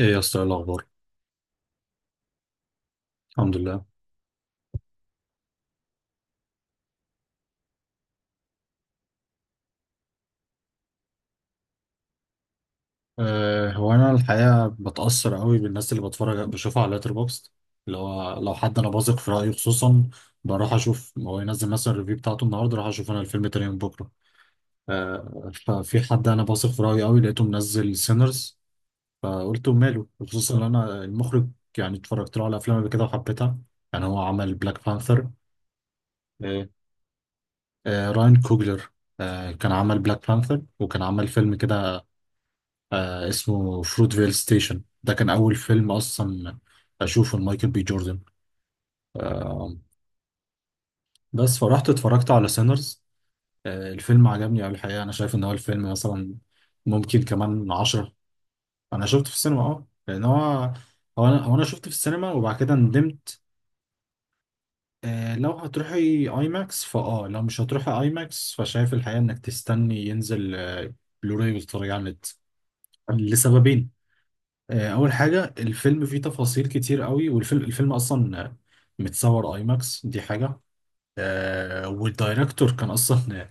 ايه يا اسطى، إيه الاخبار؟ الحمد لله. هو انا الحقيقه بتاثر قوي بالناس اللي بتفرج بشوفها على لاتر بوكس، اللي هو لو حد انا بثق في رايه خصوصا، بروح اشوف هو ينزل مثلا الريفيو بتاعته النهارده راح اشوف انا الفيلم تاني يوم بكره. ففي حد انا بثق في رايه قوي لقيته منزل سينرز، فقلت ماله خصوصا ان انا المخرج يعني اتفرجت له على افلام قبل كده وحبيتها. يعني هو عمل بلاك بانثر. أه راين كوجلر. كان عمل بلاك بانثر وكان عمل فيلم كده اسمه فروتفيل ستيشن، ده كان أول فيلم أصلا أشوفه لمايكل بي جوردن. آه بس فرحت اتفرجت على سينرز. الفيلم عجبني أوي الحقيقة. أنا شايف إن هو الفيلم مثلا ممكن كمان عشرة. أنا شفته في السينما، لأن هو أنا شفته في السينما وبعد كده ندمت. لو هتروحي أي ماكس فأه لو مش هتروحي أي ماكس فشايف الحقيقة إنك تستني ينزل بلوراي وتتفرجي على النت، لسببين. اول حاجه الفيلم فيه تفاصيل كتير قوي، والفيلم اصلا متصور اي ماكس دي حاجه. والدايركتور كان اصلا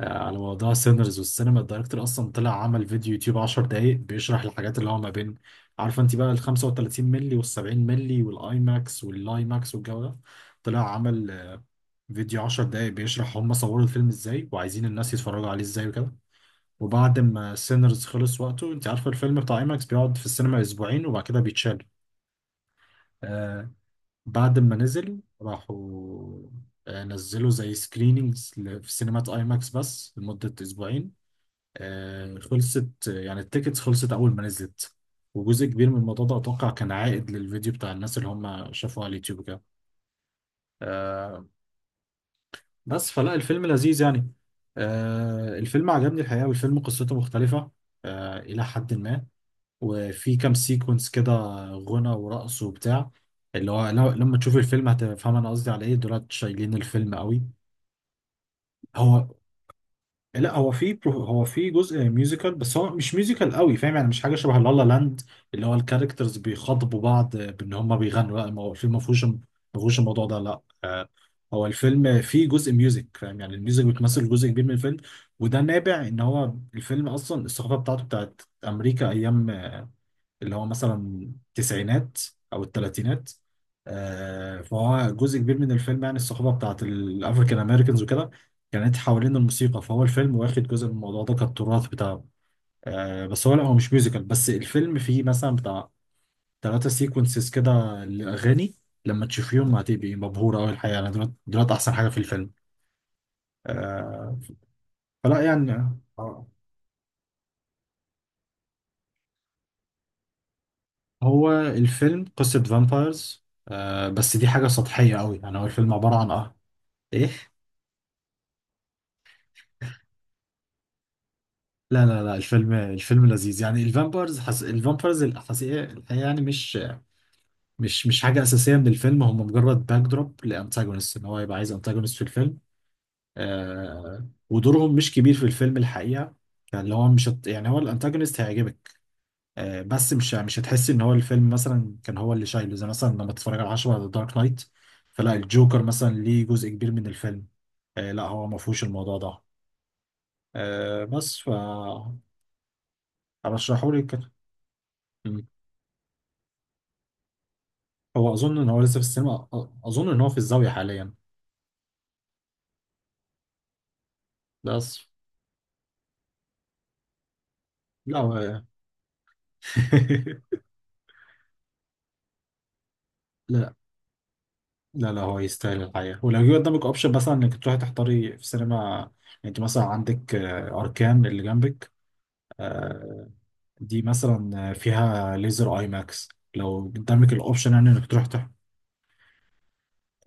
على موضوع سينرز والسينما. الدايركتور اصلا طلع عمل فيديو يوتيوب 10 دقايق بيشرح الحاجات اللي هو ما بين، عارفه انت بقى ال 35 مللي وال 70 مللي والاي ماكس والاي ماكس والجو ده. طلع عمل فيديو 10 دقايق بيشرح هم صوروا الفيلم ازاي وعايزين الناس يتفرجوا عليه ازاي وكده. وبعد ما سينرز خلص وقته، انت عارفه الفيلم بتاع اي ماكس بيقعد في السينما اسبوعين وبعد كده بيتشال. آه بعد ما نزل راحوا نزلوا زي سكرينينجز في سينمات اي ماكس بس لمدة اسبوعين. خلصت يعني التيكتس، خلصت اول ما نزلت. وجزء كبير من الموضوع ده اتوقع كان عائد للفيديو بتاع الناس اللي هم شافوه على اليوتيوب كده. آه بس فلا الفيلم لذيذ يعني. الفيلم عجبني الحقيقة، والفيلم قصته مختلفة إلى حد ما، وفي كام سيكونس كده غنى ورقص وبتاع اللي هو لما تشوف الفيلم هتفهم انا قصدي على ايه، دولت شايلين الفيلم قوي. هو لا، هو في جزء ميوزيكال بس هو مش ميوزيكال قوي، فاهم يعني مش حاجه شبه لالا لاند اللي هو الكاركترز بيخاطبوا بعض بان هم بيغنوا. لا، ما هو الفيلم ما فيهوش الموضوع ده، لا. هو الفيلم فيه جزء ميوزك، فاهم يعني الميوزك بتمثل جزء كبير من الفيلم. وده نابع ان هو الفيلم اصلا الثقافه بتاعته بتاعت امريكا، ايام اللي هو مثلا التسعينات او الثلاثينات. فهو جزء كبير من الفيلم، يعني الصحبه بتاعت الافريكان امريكانز وكده كانت حوالين الموسيقى، فهو الفيلم واخد جزء من الموضوع ده كالتراث بتاعه. بس هو لا، هو مش ميوزيكال، بس الفيلم فيه مثلا بتاع ثلاثة سيكونسز كده لأغاني لما تشوفيهم هتبقي مبهورة أوي الحقيقة. يعني دولت، دولت أحسن حاجة في الفيلم. آه، فلا يعني آه، هو الفيلم قصة فامبايرز، بس دي حاجة سطحية أوي. يعني هو الفيلم عبارة عن إيه؟ لا لا لا، الفيلم لذيذ يعني. الفامبرز الفامبرز الحقيقة يعني مش حاجة أساسية من الفيلم. هم مجرد باك دروب لأنتاجونست، إن هو يبقى عايز أنتاجونست في الفيلم. ودورهم مش كبير في الفيلم الحقيقة، اللي هو مش هت... يعني هو الأنتاجونست هيعجبك، بس مش هتحس إن هو الفيلم مثلا كان هو اللي شايله، زي مثلا لما تتفرج على 10 على دارك نايت فلا الجوكر مثلا ليه جزء كبير من الفيلم. لا، هو ما فيهوش الموضوع ده. آه... بس ف أرشحهولك كده. هو اظن ان هو لسه في السينما، اظن ان هو في الزاويه حاليا. بس لا هو لا لا لا، هو يستاهل الحقيقه، ولو جه قدامك اوبشن مثلا انك تروحي تحضري في سينما، يعني انت مثلا عندك اركان اللي جنبك، آه، دي مثلا فيها ليزر اي ماكس. لو قدامك الاوبشن يعني انك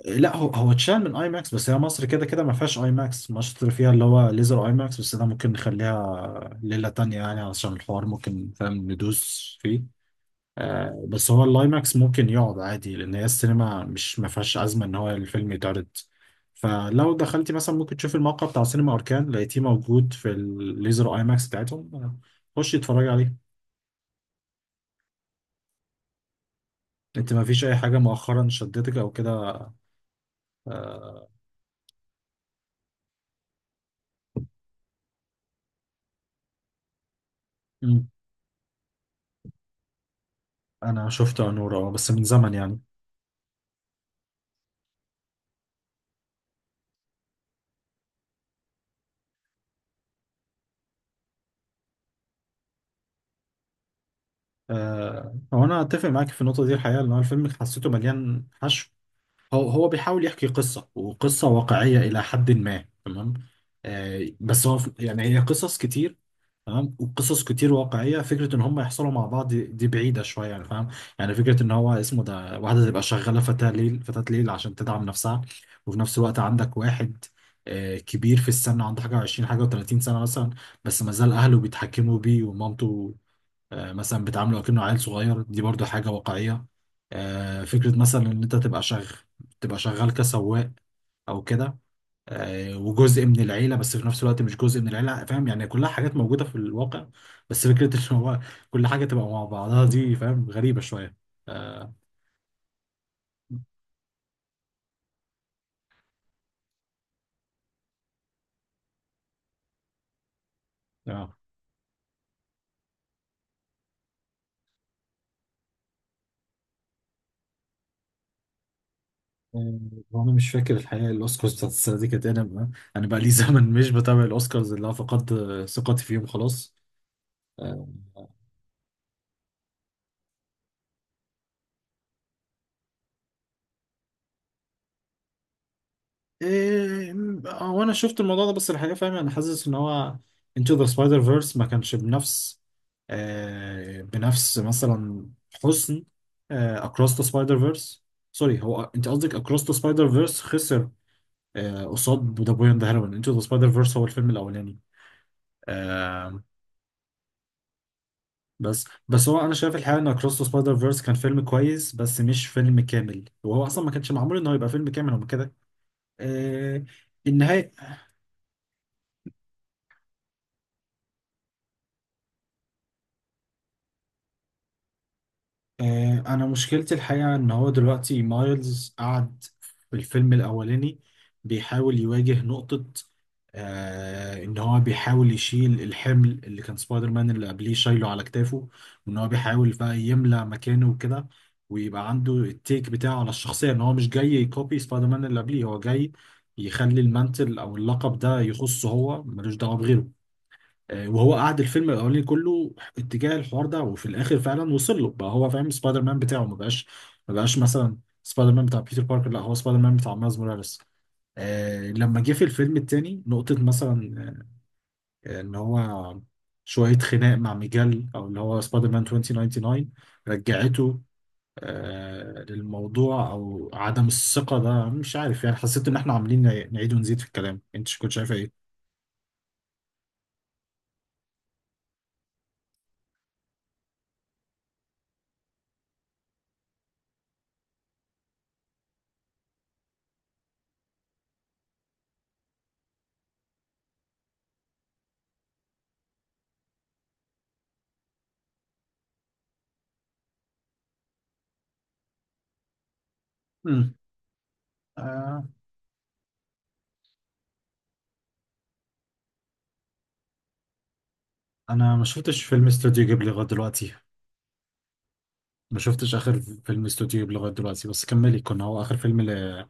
لا هو اتشال من اي ماكس بس هي مصر كده كده ما فيهاش اي ماكس. مصر فيها اللي هو ليزر اي ماكس بس. ده ممكن نخليها ليله تانية يعني، علشان الحوار ممكن فاهم ندوس فيه. بس هو الايماكس ممكن يقعد عادي لان هي السينما مش ما فيهاش ازمه ان هو الفيلم يتعرض. فلو دخلتي مثلا ممكن تشوفي الموقع بتاع سينما اركان، لقيتيه موجود في الليزر ايماكس بتاعتهم، خشي اتفرجي عليه. انت ما فيش اي حاجه مؤخرا شدتك او كده؟ آه، مم. انا شفته انور، بس من زمن يعني. هو انا اتفق معاك في النقطه دي الحقيقه، ان هو الفيلم حسيته مليان حشو. هو بيحاول يحكي قصة وقصة واقعية إلى حد ما، تمام. بس هو يعني هي قصص كتير، تمام، وقصص كتير واقعية، فكرة إن هم يحصلوا مع بعض دي بعيدة شوية يعني فاهم. يعني فكرة إن هو اسمه ده، واحدة تبقى شغالة فتاة ليل، فتاة ليل عشان تدعم نفسها، وفي نفس الوقت عندك واحد كبير في السن، عنده حاجة وعشرين حاجة وتلاتين سنة مثلا، بس ما زال أهله بيتحكموا بيه ومامته مثلا بتعامله كأنه عيل صغير، دي برضو حاجة واقعية. فكرة مثلا إن أنت تبقى شغال كسواق أو كده، وجزء من العيلة بس في نفس الوقت مش جزء من العيلة، فاهم يعني كلها حاجات موجودة في الواقع، بس فكرة إن هو كل حاجة تبقى مع بعضها دي، فاهم، غريبة شوية. آه، اه. آه، وانا مش فاكر الحقيقه الاوسكارز بتاعت السنه دي كانت إيه. انا بقى لي زمن مش بتابع الاوسكارز، اللي انا فقدت ثقتي فيهم خلاص. آه، إيه. هو انا شفت الموضوع ده بس الحقيقه فاهم انا حاسس ان هو انتو ذا سبايدر فيرس ما كانش بنفس بنفس مثلا حسن اكروس ذا سبايدر فيرس. سوري، هو انت قصدك اكروس ذا سبايدر فيرس خسر قصاد ذا بوي اند هيروين. انتو ذا سبايدر فيرس هو الفيلم الاولاني. آه بس هو انا شايف الحقيقه ان اكروس ذا سبايدر فيرس كان فيلم كويس بس مش فيلم كامل، وهو اصلا ما كانش معمول ان هو يبقى فيلم كامل، هو كده. آه، النهاية. انا مشكلتي الحقيقه ان هو دلوقتي مايلز قعد في الفيلم الاولاني بيحاول يواجه نقطه ان هو بيحاول يشيل الحمل اللي كان سبايدر مان اللي قبليه شايله على كتافه، وان هو بيحاول بقى يملى مكانه وكده، ويبقى عنده التيك بتاعه على الشخصيه ان هو مش جاي يكوبي سبايدر مان اللي قبليه، هو جاي يخلي المانتل او اللقب ده يخصه هو ملوش دعوه بغيره. وهو قعد الفيلم الاولاني كله اتجاه الحوار ده، وفي الاخر فعلا وصل له بقى، هو فاهم سبايدر مان بتاعه ما بقاش مثلا سبايدر مان بتاع بيتر باركر، لا هو سبايدر مان بتاع مايلز موراليس. لما جه في الفيلم التاني نقطة مثلا ان هو شوية خناق مع ميجال او اللي هو سبايدر مان 2099 رجعته للموضوع او عدم الثقة ده. مش عارف يعني حسيت ان احنا عاملين نعيد ونزيد في الكلام، انت كنت شايفة ايه؟ امم انا ما شفتش فيلم استوديو جيبلي لغايه دلوقتي. ما شفتش اخر فيلم استوديو جيبلي لغايه دلوقتي بس كملي، كنا هو اخر فيلم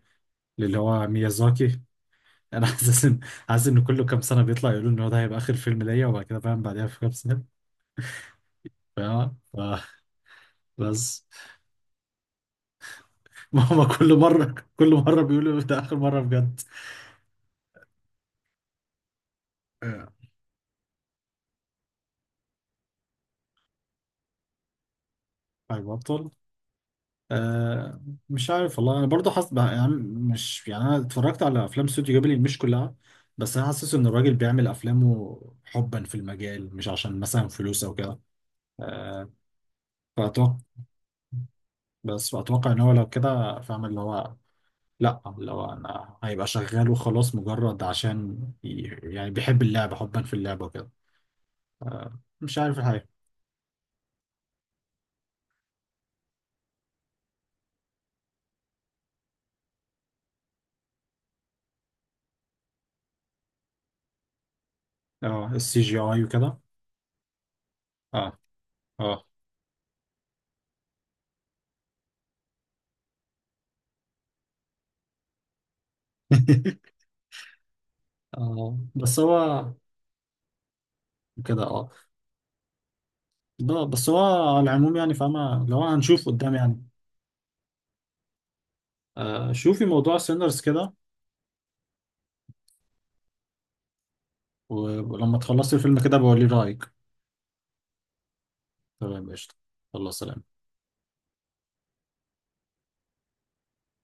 للي هو ميازاكي. انا حاسس ان كله كام سنه بيطلع يقولوا ان هو ده هيبقى اخر فيلم ليا، وبعد كده فاهم بعدها في كام سنه، فاهم بس. ماما، كل مره كل مره بيقولوا ده اخر مره بجد. آه. طيب ابطال. آه مش عارف والله، انا برضه يعني مش يعني انا اتفرجت على افلام استوديو جيبلي مش كلها، بس انا حاسس ان الراجل بيعمل افلامه حبا في المجال مش عشان مثلا فلوس او كده. آه فاتوقع فاتوقع ان هو لو كده فاهم اللي هو، لا اللي هو انا هيبقى شغال وخلاص مجرد عشان يعني بيحب اللعبه حبا في اللعبه وكده. مش عارف الحقيقه. اه، السي جي اي وكده. اه، اه. اه، بس هو كده، اه، ده بس هو. على العموم يعني فاهمة، لو هنشوف قدام يعني. شوفي موضوع سينرز كده. ولما تخلصي الفيلم كده بقولي رأيك. تمام، قشطة. الله، سلام.